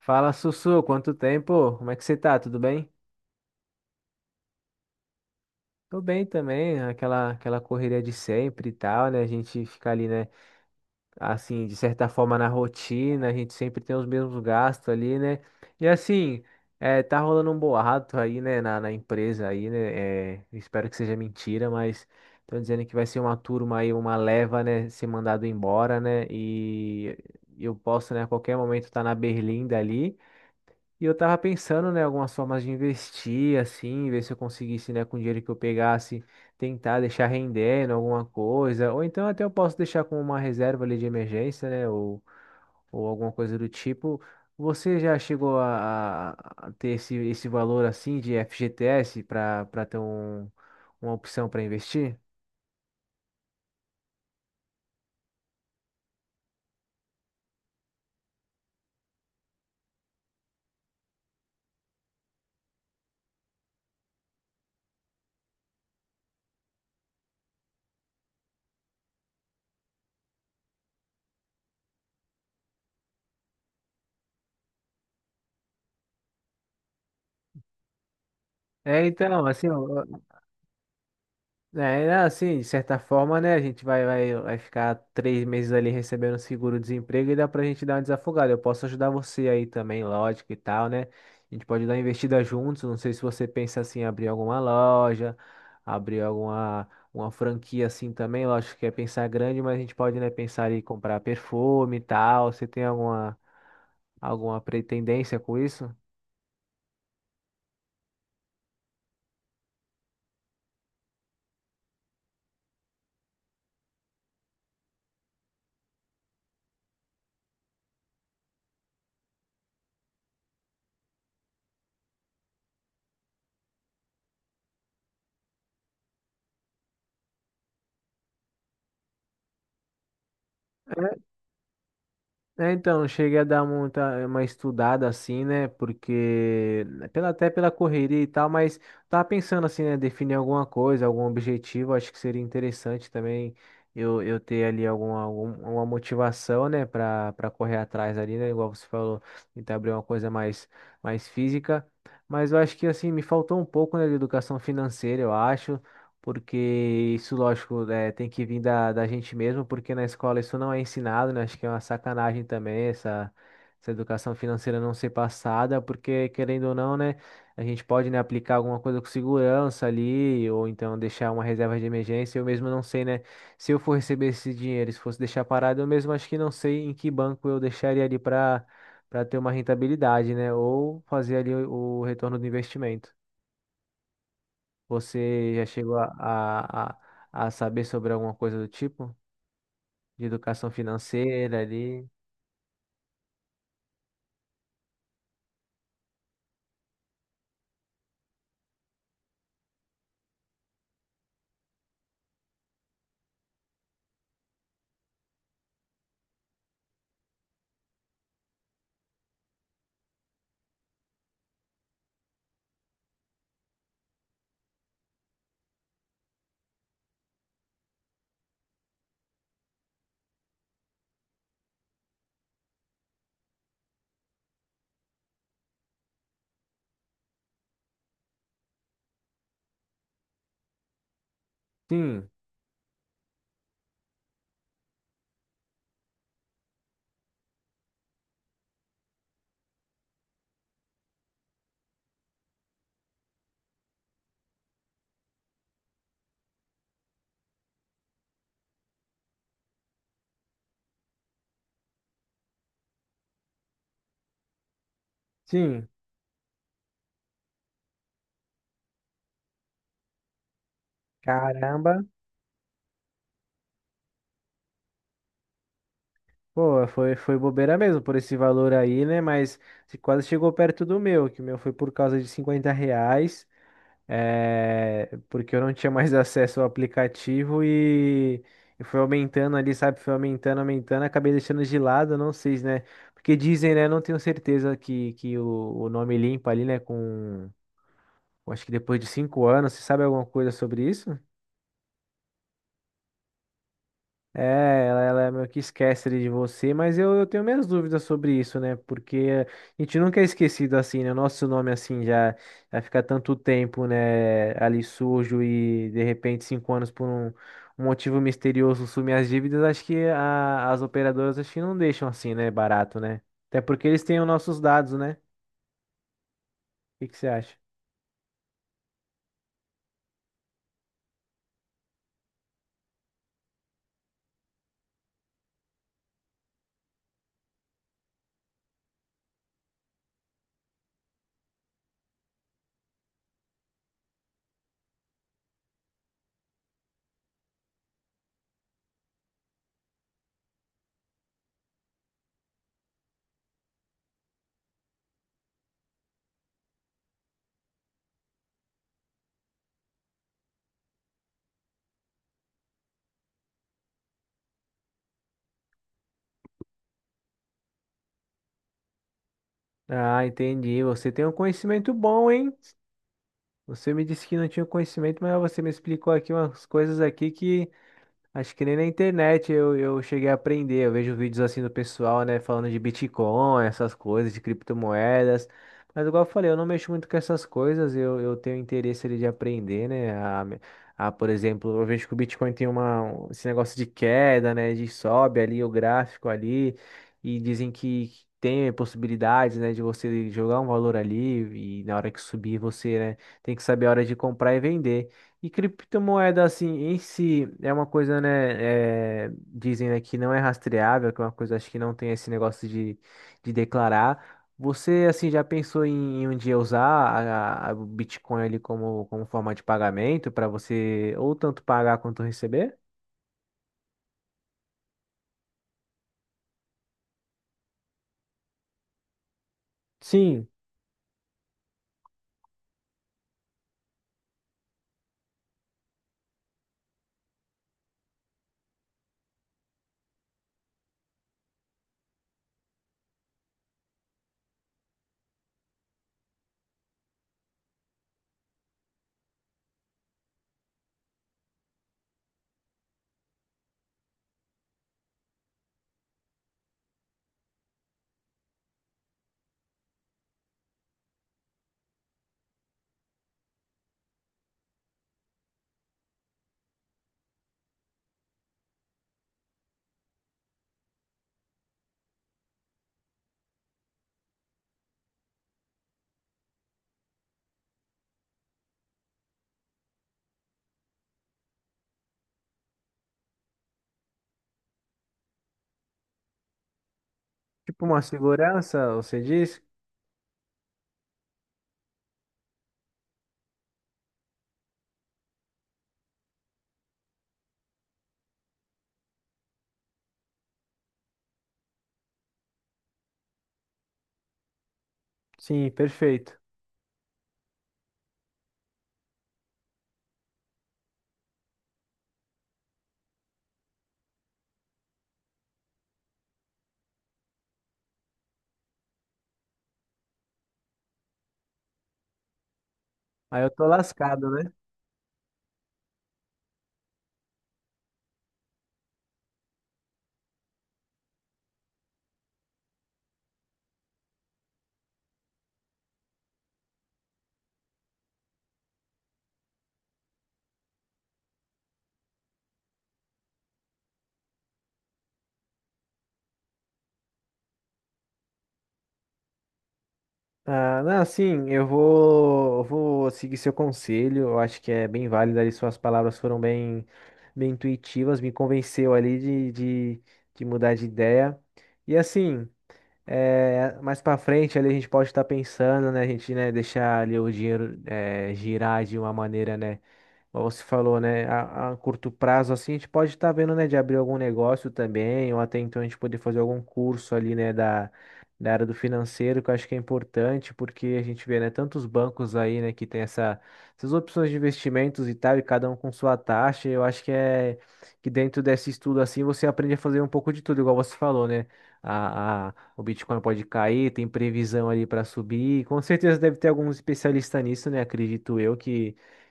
Fala, Sussu, quanto tempo? Como é que você tá? Tudo bem? Tô bem também, aquela correria de sempre e tal, né? A gente fica ali, né, assim, de certa forma na rotina, a gente sempre tem os mesmos gastos ali, né? E assim, tá rolando um boato aí, né, na empresa aí, né? É, espero que seja mentira, mas estão dizendo que vai ser uma turma aí, uma leva, né, ser mandado embora, né? E eu posso, né, a qualquer momento estar tá na Berlinda ali. E eu tava pensando, né, algumas formas de investir, assim, ver se eu conseguisse, né, com o dinheiro que eu pegasse, tentar deixar rendendo alguma coisa, ou então até eu posso deixar com uma reserva ali de emergência, né, ou alguma coisa do tipo. Você já chegou a ter esse valor, assim, de FGTS para ter um, uma opção para investir? É, então, assim, ó, é, né, assim, de certa forma, né, a gente vai ficar 3 meses ali recebendo seguro-desemprego e dá pra gente dar uma desafogada. Eu posso ajudar você aí também, lógico e tal, né? A gente pode dar uma investida juntos. Não sei se você pensa assim, em abrir alguma loja, abrir alguma uma franquia assim também. Lógico que é pensar grande, mas a gente pode, né, pensar em comprar perfume e tal. Você tem alguma, alguma pretendência com isso? É, então, cheguei a dar muita, uma estudada assim, né? Porque, né, pela, até pela correria e tal, mas tava pensando assim, né? Definir alguma coisa, algum objetivo, acho que seria interessante também eu ter ali alguma, algum, alguma motivação, né? Pra correr atrás ali, né? Igual você falou, tentar abrir uma coisa mais, mais física. Mas eu acho que assim, me faltou um pouco, né, de educação financeira, eu acho, porque isso, lógico, né, tem que vir da gente mesmo, porque na escola isso não é ensinado, né? Acho que é uma sacanagem também essa educação financeira não ser passada, porque querendo ou não, né, a gente pode, né, aplicar alguma coisa com segurança ali, ou então deixar uma reserva de emergência. Eu mesmo não sei, né, se eu for receber esse dinheiro, se fosse deixar parado, eu mesmo acho que não sei em que banco eu deixaria ali para ter uma rentabilidade, né, ou fazer ali o retorno do investimento. Você já chegou a saber sobre alguma coisa do tipo? De educação financeira ali? Sim, sim. Caramba. Pô, foi bobeira mesmo por esse valor aí, né? Mas se quase chegou perto do meu, que o meu foi por causa de 50 reais, é, porque eu não tinha mais acesso ao aplicativo e foi aumentando ali, sabe? Foi aumentando, aumentando, acabei deixando de lado, não sei, né? Porque dizem, né? Não tenho certeza que o nome limpa ali, né? Com eu acho que depois de 5 anos, você sabe alguma coisa sobre isso? É, ela meio que esquece ali de você, mas eu tenho minhas dúvidas sobre isso, né? Porque a gente nunca é esquecido assim, né? O nosso nome assim já, já fica tanto tempo, né? Ali sujo e de repente 5 anos por um, um motivo misterioso sumir as dívidas. Acho que a- as operadoras acho que não deixam assim, né? Barato, né? Até porque eles têm os nossos dados, né? O que que você acha? Ah, entendi. Você tem um conhecimento bom, hein? Você me disse que não tinha conhecimento, mas você me explicou aqui umas coisas aqui que acho que nem na internet eu cheguei a aprender. Eu vejo vídeos assim do pessoal, né, falando de Bitcoin, essas coisas, de criptomoedas. Mas igual eu falei, eu não mexo muito com essas coisas. Eu tenho interesse ali de aprender, né? A, por exemplo, eu vejo que o Bitcoin tem uma, um- esse negócio de queda, né? De sobe ali o gráfico ali. E dizem que tem possibilidades, né, de você jogar um valor ali e na hora que subir você, né, tem que saber a hora de comprar e vender. E criptomoeda, assim, em si, é uma coisa, né? Dizem, né, que não é rastreável, que é uma coisa, acho que não tem esse negócio de declarar. Você, assim, já pensou em, em um dia usar a- o Bitcoin ali como, como forma de pagamento para você ou tanto pagar quanto receber? Sim. Tipo uma segurança, você diz? Sim, perfeito. Aí eu tô lascado, né? Ah, não, sim, eu vou seguir seu conselho. Eu acho que é bem válido ali. Suas palavras foram bem, bem intuitivas, me convenceu ali de mudar de ideia. E assim, é, mais pra frente ali a gente pode estar pensando, né? A gente, né, deixar ali o dinheiro, é, girar de uma maneira, né? Como você falou, né? A curto prazo, assim, a gente pode estar vendo, né, de abrir algum negócio também, ou até então a gente poder fazer algum curso ali, né, da, da área do financeiro, que eu acho que é importante, porque a gente vê, né, tantos bancos aí, né, que tem essa, essas opções de investimentos e tal, e cada um com sua taxa. Eu acho que é que dentro desse estudo, assim, você aprende a fazer um pouco de tudo, igual você falou, né? A- o Bitcoin pode cair, tem previsão ali para subir. Com certeza deve ter algum especialista nisso, né? Acredito eu,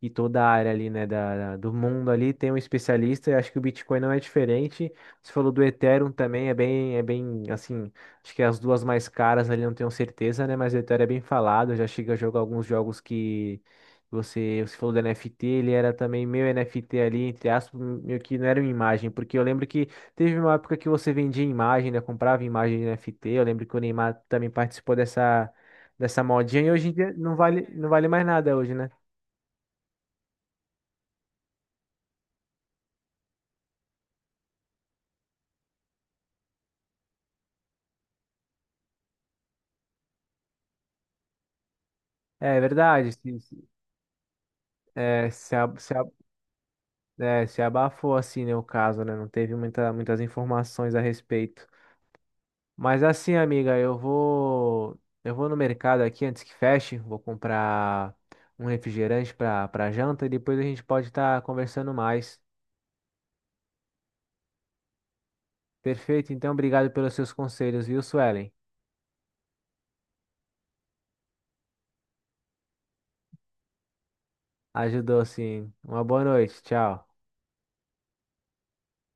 e toda a área ali, né, da, da- do mundo ali tem um especialista, e acho que o Bitcoin não é diferente. Você falou do Ethereum também, é bem, assim, acho que as duas mais caras ali, não tenho certeza, né, mas o Ethereum é bem falado, eu já cheguei a jogar alguns jogos que você falou do NFT, ele era também meio NFT ali, entre aspas, meio que não era uma imagem, porque eu lembro que teve uma época que você vendia imagem, né, comprava imagem de NFT, eu lembro que o Neymar também participou dessa... dessa modinha, e hoje em dia não vale, não vale mais nada hoje, né? É verdade, se, é, se, a- se a- é, se abafou assim, né, o caso, né? Não teve muita, muitas informações a respeito. Mas assim, amiga, eu vou no mercado aqui antes que feche, vou comprar um refrigerante para janta e depois a gente pode estar conversando mais. Perfeito, então obrigado pelos seus conselhos, viu, Suelen? Ajudou sim. Uma boa noite, tchau.